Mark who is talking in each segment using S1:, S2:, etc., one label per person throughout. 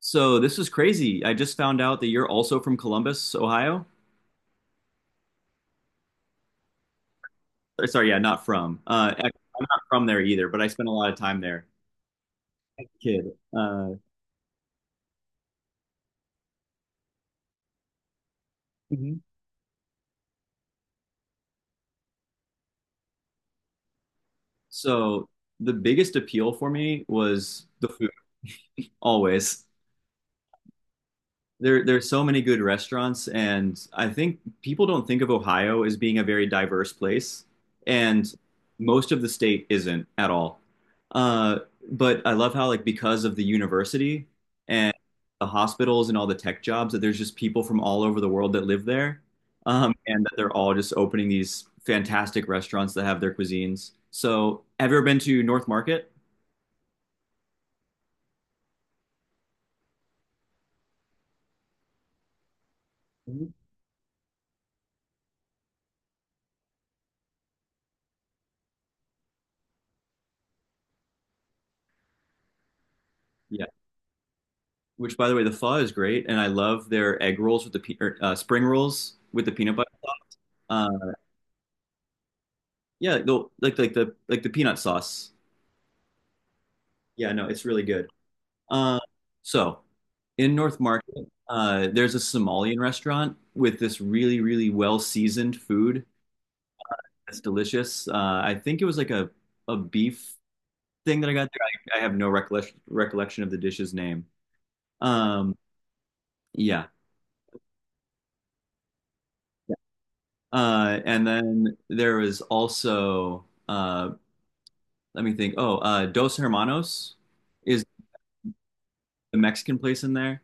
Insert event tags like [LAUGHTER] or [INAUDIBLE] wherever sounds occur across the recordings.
S1: So this is crazy. I just found out that you're also from Columbus, Ohio. Or, sorry, yeah, not from. I'm not from there either, but I spent a lot of time there, kid. Uh, Mhm. So the biggest appeal for me was the food, always. There's so many good restaurants, and I think people don't think of Ohio as being a very diverse place, and most of the state isn't at all. uh, but I love how, like, because of the university and the hospitals and all the tech jobs, that there's just people from all over the world that live there. And that they're all just opening these fantastic restaurants that have their cuisines. So have you ever been to North Market? Mhm. Which, by the way, the pho is great, and I love their egg rolls with the spring rolls with the peanut butter sauce. Uh, yeah, the, like the peanut sauce. Yeah, no, it's really good. Uh, so in North Market, there's a Somalian restaurant with this really well seasoned food. It's delicious. I think it was like a beef thing that I got there. I have no recollection of the dish's name. Um, yeah. And then there was also let me think. Oh, Dos Hermanos is the Mexican place in there.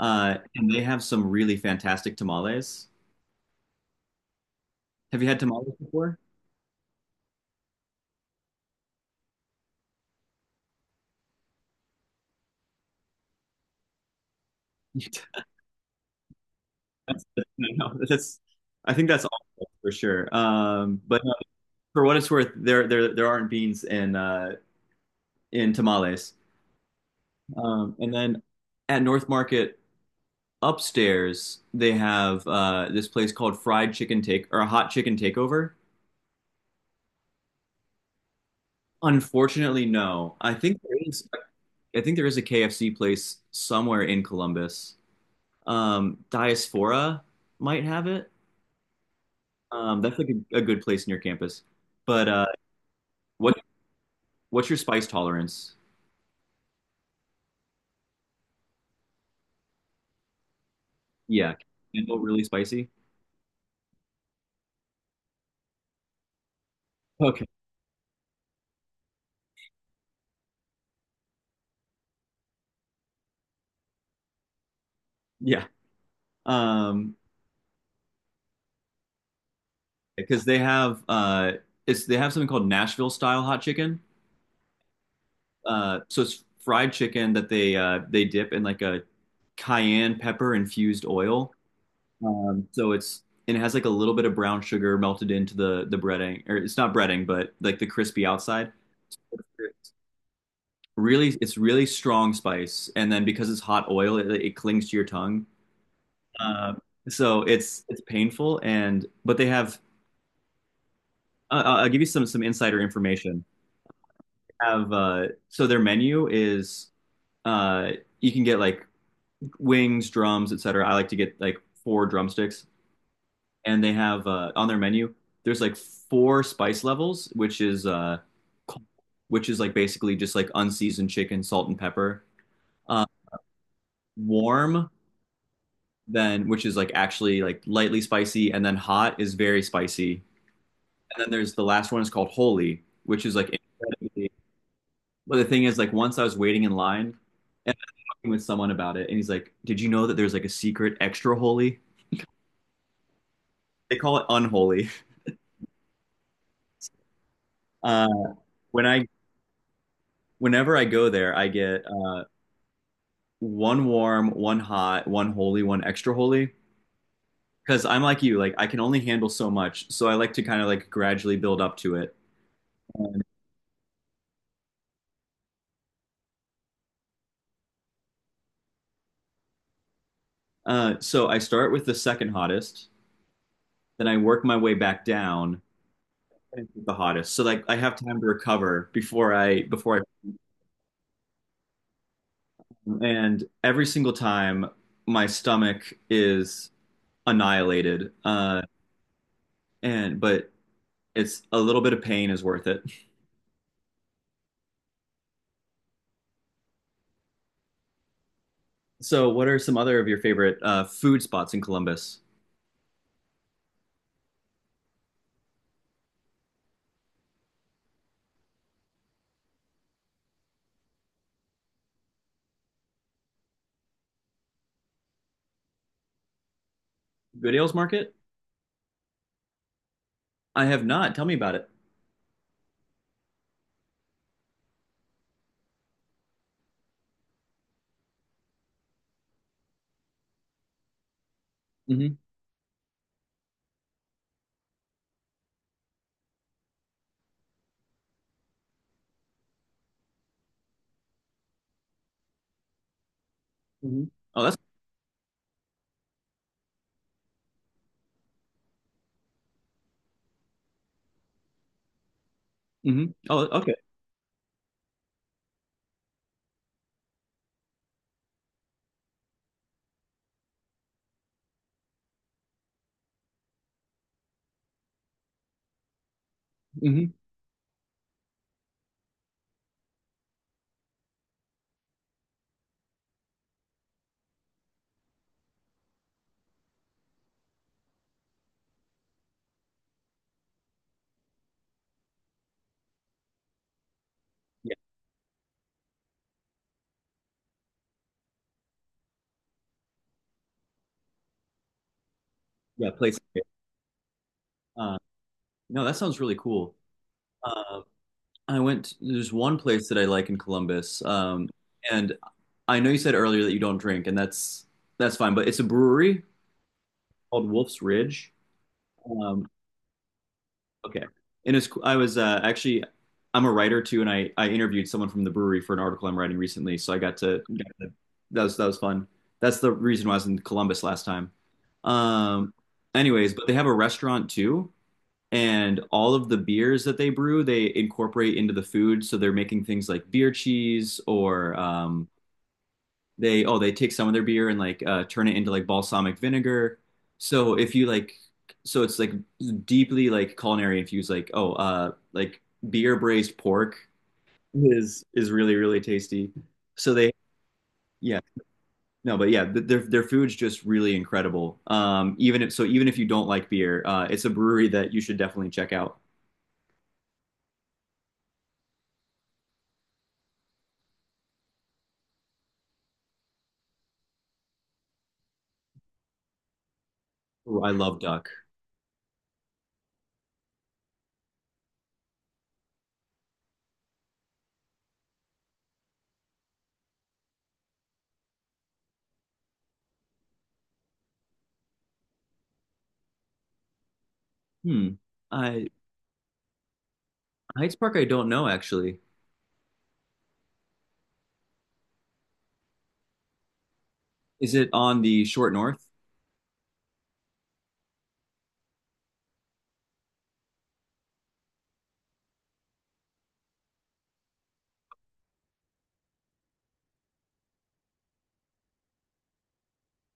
S1: And they have some really fantastic tamales. Have you had tamales before? [LAUGHS] That's, no, that's, I think that's all for sure. But for what it's worth, there aren't beans in tamales. And then at North Market upstairs, they have this place called Fried Chicken Take, or a Hot Chicken Takeover. Unfortunately, no. I think there is. I think there is a KFC place somewhere in Columbus. Diaspora might have it. That's like a good place near campus. But what what's your spice tolerance? Yeah, can you handle really spicy? Okay. Yeah. Um, because they have it's they have something called Nashville style hot chicken. So it's fried chicken that they dip in like a cayenne pepper infused oil. So it's and it has like a little bit of brown sugar melted into the breading, or it's not breading, but like the crispy outside. Really, it's really strong spice, and then because it's hot oil, it clings to your tongue. Um, so it's painful, and but they have. I'll give you some insider information. Have so their menu is uh, you can get like wings, drums, etc. I like to get like four drumsticks. And they have on their menu there's like four spice levels, which is cold, which is like basically just like unseasoned chicken, salt and pepper. uh, Warm, then, which is like actually like lightly spicy, and then hot is very spicy, and then there's the last one is called holy, which is like incredibly. But the thing is, like, once I was waiting in line and I was talking with someone about it, and he's like, did you know that there's like a secret extra holy? They call it unholy. [LAUGHS] uh when i Whenever I go there, I get one warm, one hot, one holy, one extra holy. Because I'm like you, like I can only handle so much, so I like to kind of like gradually build up to it. So I start with the second hottest, then I work my way back down to the hottest. So like I have time to recover before I and every single time my stomach is annihilated. And but it's a little bit of pain is worth it. So what are some other of your favorite food spots in Columbus? Good Ales Market? I have not. Tell me about it. Mm-hmm. Hmm. Oh, that's. Hmm. Oh, okay. Hmm. Yeah, yeah. Place. Uh, no, that sounds really cool. Uh, I went. There's one place that I like in Columbus, and I know you said earlier that you don't drink, and that's fine. But it's a brewery called Wolf's Ridge. Um, Okay. And it's, I was actually, I'm a writer too, and I interviewed someone from the brewery for an article I'm writing recently. So I got to- that was fun. That's the reason why I was in Columbus last time. Um, anyways, but they have a restaurant too, and all of the beers that they brew, they incorporate into the food. So they're making things like beer cheese or they take some of their beer and like turn it into like balsamic vinegar. So if you like, so it's like deeply like culinary infused. Like like beer braised pork is really really tasty. So they yeah no but yeah th- Their food's just really incredible. Um, even if, so even if you don't like beer, uh, it's a brewery that you should definitely check out. Ooh, I love duck. Hmm. I Heights Park I don't know actually. Is it on the short north?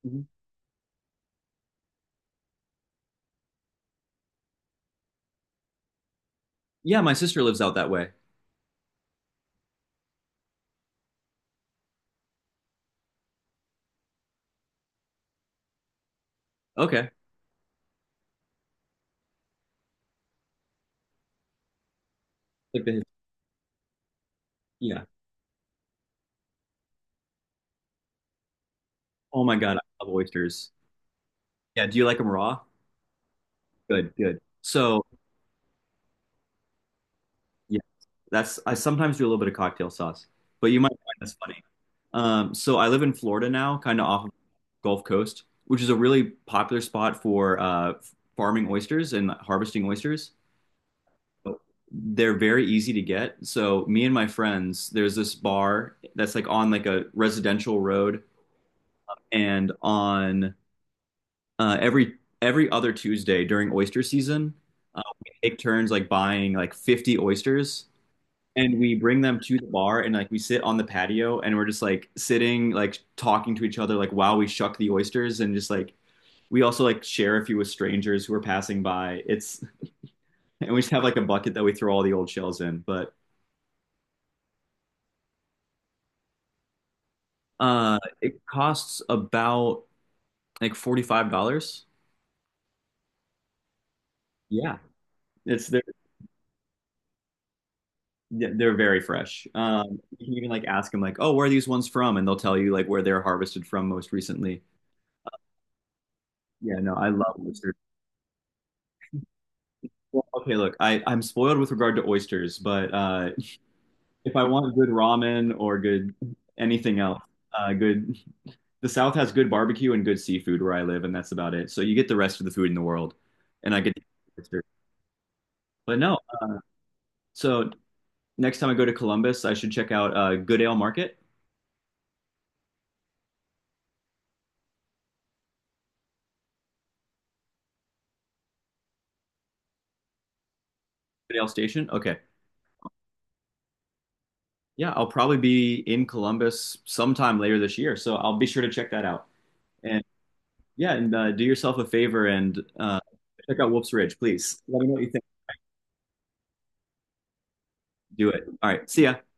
S1: Mhm. Yeah, my sister lives out that way. Okay. Like the, yeah. Oh my God, I love oysters. Yeah. Do you like them raw? Good, good. So yeah, that's, I sometimes do a little bit of cocktail sauce, but you might find this funny. So I live in Florida now, kind of off of Gulf Coast, which is a really popular spot for farming oysters and harvesting oysters. They're very easy to get. So me and my friends, there's this bar that's like on like a residential road, and on uh, every every other Tuesday during oyster season, we take turns like buying like 50 oysters, and we bring them to the bar, and like we sit on the patio, and we're just like sitting like talking to each other like while we shuck the oysters, and just like we also like share a few with strangers who are passing by. It's [LAUGHS] and we just have like a bucket that we throw all the old shells in. But It costs about like $45. Yeah. It's th- they're very fresh. You can even like ask them like, "Oh, where are these ones from?" and they'll tell you like where they're harvested from most recently. Yeah, no, I love oysters. Well, okay, look, I'm spoiled with regard to oysters, but [LAUGHS] if I want good ramen or good anything else, good. [LAUGHS] The South has good barbecue and good seafood where I live, and that's about it. So you get the rest of the food in the world, and I get. Oysters. But no, so next time I go to Columbus, I should check out Goodale Market, Goodale Station. Okay. Yeah, I'll probably be in Columbus sometime later this year, so I'll be sure to check that out. And yeah, and do yourself a favor and check out Wolf's Ridge, please. Let me know what you think. Do it. All right, see ya.